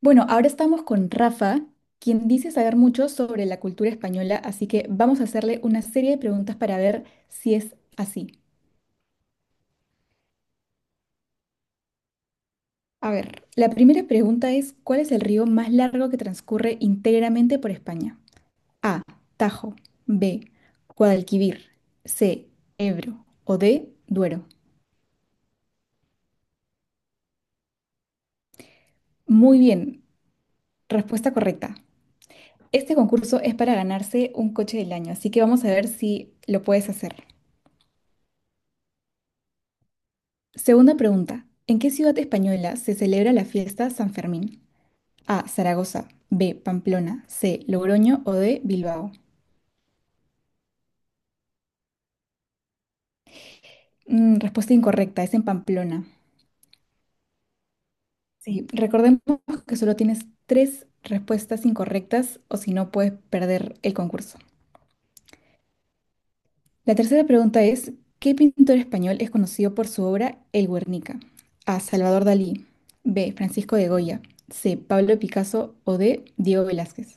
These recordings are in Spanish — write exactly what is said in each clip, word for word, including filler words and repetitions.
Bueno, ahora estamos con Rafa, quien dice saber mucho sobre la cultura española, así que vamos a hacerle una serie de preguntas para ver si es así. A ver, la primera pregunta es, ¿cuál es el río más largo que transcurre íntegramente por España? A, Tajo, B, Guadalquivir, C, Ebro o D, Duero. Muy bien, respuesta correcta. Este concurso es para ganarse un coche del año, así que vamos a ver si lo puedes hacer. Segunda pregunta. ¿En qué ciudad española se celebra la fiesta San Fermín? A. Zaragoza. B. Pamplona. C. Logroño o D. Bilbao. Mm, respuesta incorrecta. Es en Pamplona. Sí, recordemos que solo tienes tres respuestas incorrectas o si no puedes perder el concurso. La tercera pregunta es, ¿qué pintor español es conocido por su obra El Guernica? A. Salvador Dalí. B. Francisco de Goya. C. Pablo Picasso o D. Diego Velázquez.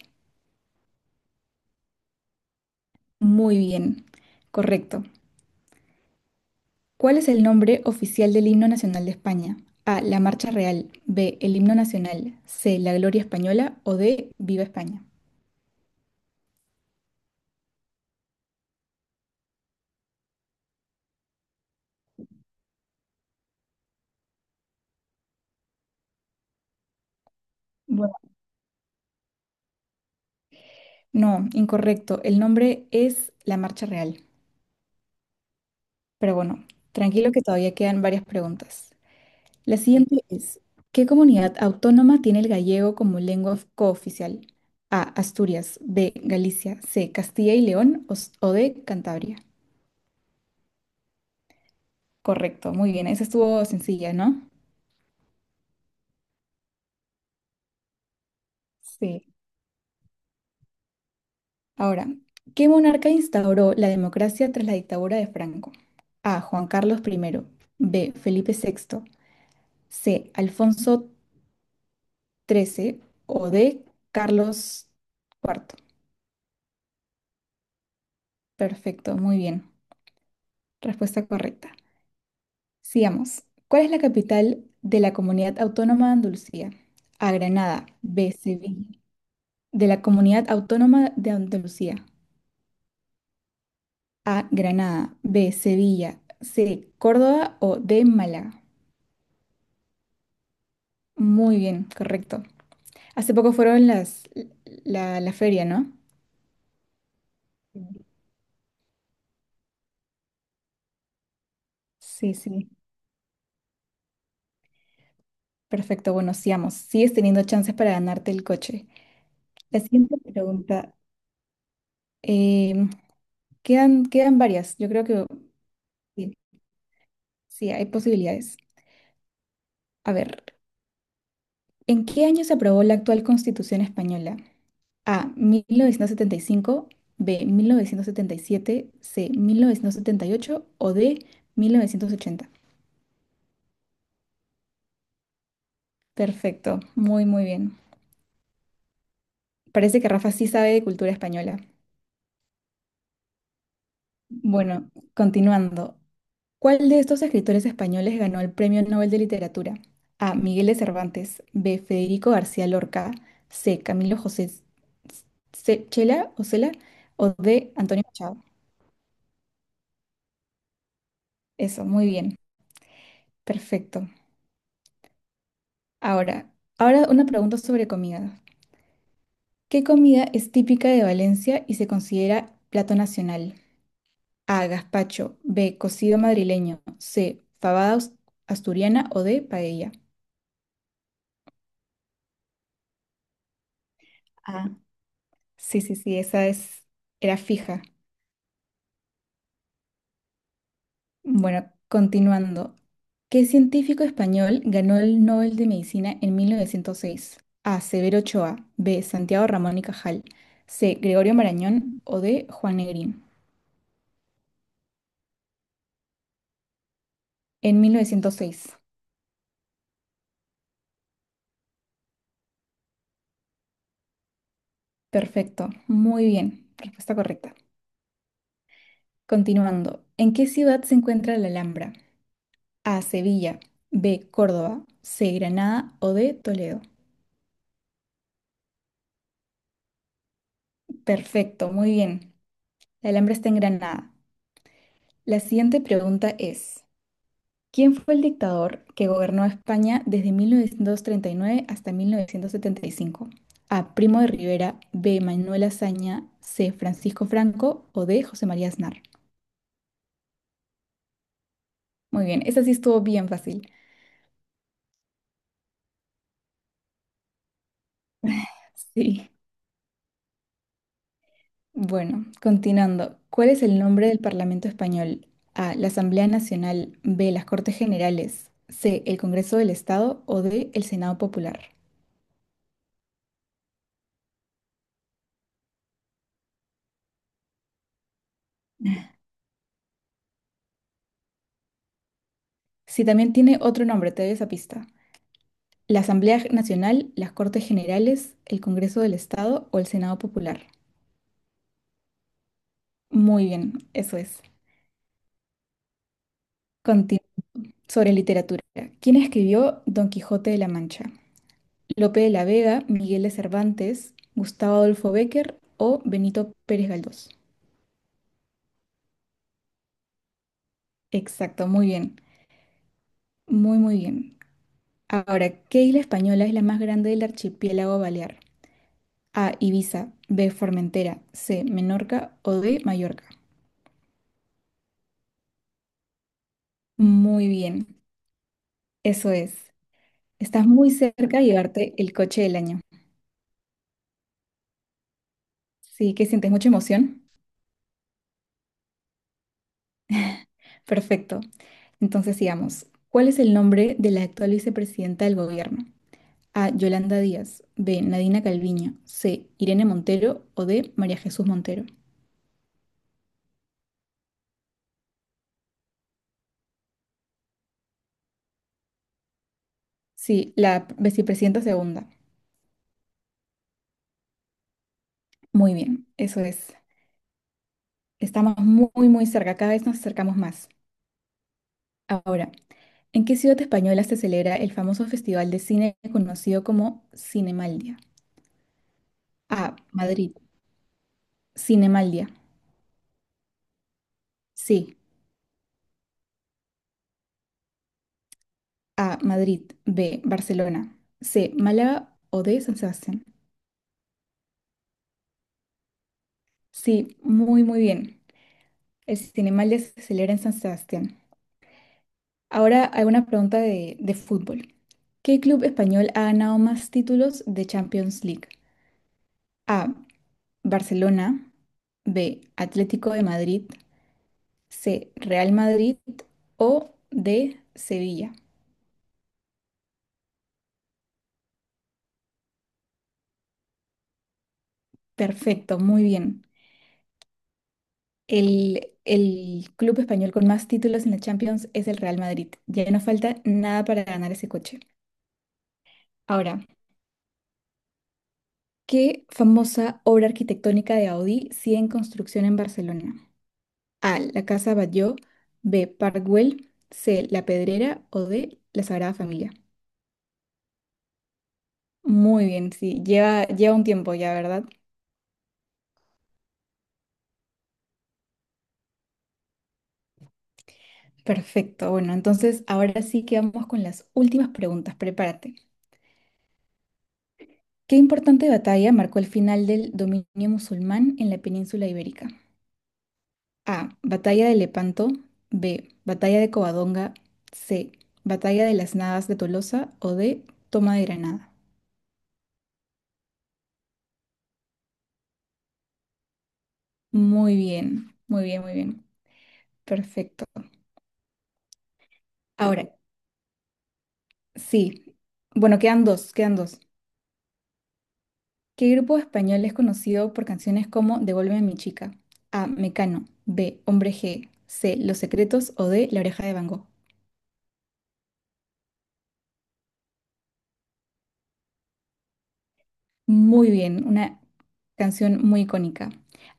Muy bien. Correcto. ¿Cuál es el nombre oficial del himno nacional de España? A. La Marcha Real. B. El himno nacional. C. La Gloria Española. O D. Viva España. Bueno, no, incorrecto. El nombre es La Marcha Real. Pero bueno, tranquilo que todavía quedan varias preguntas. La siguiente es, ¿qué comunidad autónoma tiene el gallego como lengua of- cooficial? A. Asturias. B. Galicia. C. Castilla y León. O, s- o D. Cantabria. Correcto, muy bien. Esa estuvo sencilla, ¿no? Sí. Ahora, ¿qué monarca instauró la democracia tras la dictadura de Franco? A. Juan Carlos I, B. Felipe sexto, C. Alfonso trece o D. Carlos cuarto. Perfecto, muy bien. Respuesta correcta. Sigamos. ¿Cuál es la capital de la Comunidad Autónoma de Andalucía? A. Granada, B. Sevilla. De la Comunidad Autónoma de Andalucía. A. Granada, B. Sevilla, C. Córdoba o D. Málaga. Muy bien, correcto. Hace poco fueron las, la, la feria, ¿no? Sí, sí. Perfecto, bueno, sigamos. Sigues teniendo chances para ganarte el coche. La siguiente pregunta. em, quedan, quedan varias. Yo creo que sí, sí, hay posibilidades. A ver, ¿en qué año se aprobó la actual Constitución española? A, mil novecientos setenta y cinco, B, mil novecientos setenta y siete, C, mil novecientos setenta y ocho o D, mil novecientos ochenta. Perfecto, muy, muy bien. Parece que Rafa sí sabe de cultura española. Bueno, continuando. ¿Cuál de estos escritores españoles ganó el Premio Nobel de Literatura? A. Miguel de Cervantes. B. Federico García Lorca. C. Camilo José C- Chela o Cela. O D. Antonio Machado. Eso, muy bien. Perfecto. Ahora, ahora una pregunta sobre comida. ¿Qué comida es típica de Valencia y se considera plato nacional? A. Gazpacho. B. Cocido madrileño. C. Fabada aus- asturiana o D. Paella. Ah, sí, sí, sí, esa es, era fija. Bueno, continuando. ¿Qué científico español ganó el Nobel de Medicina en mil novecientos seis? A. Severo Ochoa. B. Santiago Ramón y Cajal. C. Gregorio Marañón o D. Juan Negrín. En mil novecientos seis. Perfecto. Muy bien. Respuesta correcta. Continuando. ¿En qué ciudad se encuentra la Alhambra? A, Sevilla. B, Córdoba. C, Granada o D, Toledo. Perfecto, muy bien. La Alhambra está en Granada. La siguiente pregunta es, ¿quién fue el dictador que gobernó España desde mil novecientos treinta y nueve hasta mil novecientos setenta y cinco? A, Primo de Rivera. B, Manuel Azaña. C, Francisco Franco o D, José María Aznar. Muy bien, esa sí estuvo bien fácil. Sí. Bueno, continuando. ¿Cuál es el nombre del Parlamento español? A. La Asamblea Nacional. B. Las Cortes Generales. C. El Congreso del Estado. O D. El Senado Popular. Si también tiene otro nombre, te doy esa pista. La Asamblea Nacional, las Cortes Generales, el Congreso del Estado o el Senado Popular. Muy bien, eso es. Continu- Sobre literatura. ¿Quién escribió Don Quijote de la Mancha? Lope de la Vega, Miguel de Cervantes, Gustavo Adolfo Bécquer o Benito Pérez Galdós. Exacto, muy bien, muy muy bien. Ahora, ¿qué isla española es la más grande del archipiélago balear? A, Ibiza, B, Formentera, C, Menorca o D, Mallorca. Muy bien, eso es. Estás muy cerca de llevarte el coche del año. Sí, que sientes mucha emoción. Perfecto. Entonces sigamos. ¿Cuál es el nombre de la actual vicepresidenta del gobierno? A, Yolanda Díaz, B, Nadina Calviño, C, Irene Montero o D, María Jesús Montero. Sí, la vicepresidenta segunda. Muy bien, eso es. Estamos muy, muy cerca, cada vez nos acercamos más. Ahora, ¿en qué ciudad española se celebra el famoso festival de cine conocido como Cinemaldia? A. Madrid. Cinemaldia. Sí, A. Madrid. B. Barcelona. C. Málaga o D. San Sebastián. Sí, muy, muy bien. El Cinemaldia se celebra en San Sebastián. Ahora, alguna pregunta de, de fútbol. ¿Qué club español ha ganado más títulos de Champions League? A. Barcelona, B, Atlético de Madrid, C, Real Madrid o D, Sevilla. Perfecto, muy bien. El, el club español con más títulos en la Champions es el Real Madrid. Ya no falta nada para ganar ese coche. Ahora, ¿qué famosa obra arquitectónica de Gaudí sigue en construcción en Barcelona? A, la Casa Batlló, B, Park Güell, C, La Pedrera o D, la Sagrada Familia. Muy bien, sí, lleva, lleva un tiempo ya, ¿verdad? Perfecto. Bueno, entonces ahora sí que vamos con las últimas preguntas. Prepárate. ¿Qué importante batalla marcó el final del dominio musulmán en la península ibérica? A. Batalla de Lepanto. B. Batalla de Covadonga. C. Batalla de las Navas de Tolosa. O D. Toma de Granada. Muy bien, muy bien, muy bien. Perfecto. Ahora, sí. Bueno, quedan dos, quedan dos. ¿Qué grupo español es conocido por canciones como Devuélveme a mi chica? A. Mecano. B. Hombre G. C. Los Secretos o D. La Oreja de Van Gogh. Muy bien, una canción muy icónica.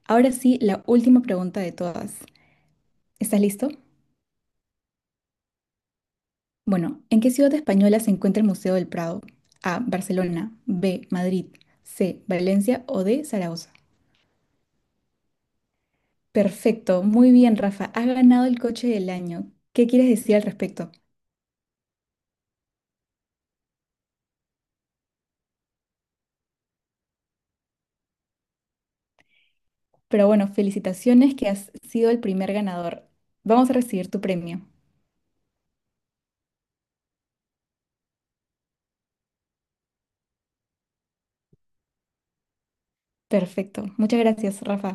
Ahora sí, la última pregunta de todas. ¿Estás listo? Bueno, ¿en qué ciudad española se encuentra el Museo del Prado? A. Barcelona. B. Madrid. C. Valencia o D. Zaragoza. Perfecto, muy bien, Rafa. Has ganado el coche del año. ¿Qué quieres decir al respecto? Pero bueno, felicitaciones que has sido el primer ganador. Vamos a recibir tu premio. Perfecto. Muchas gracias, Rafa.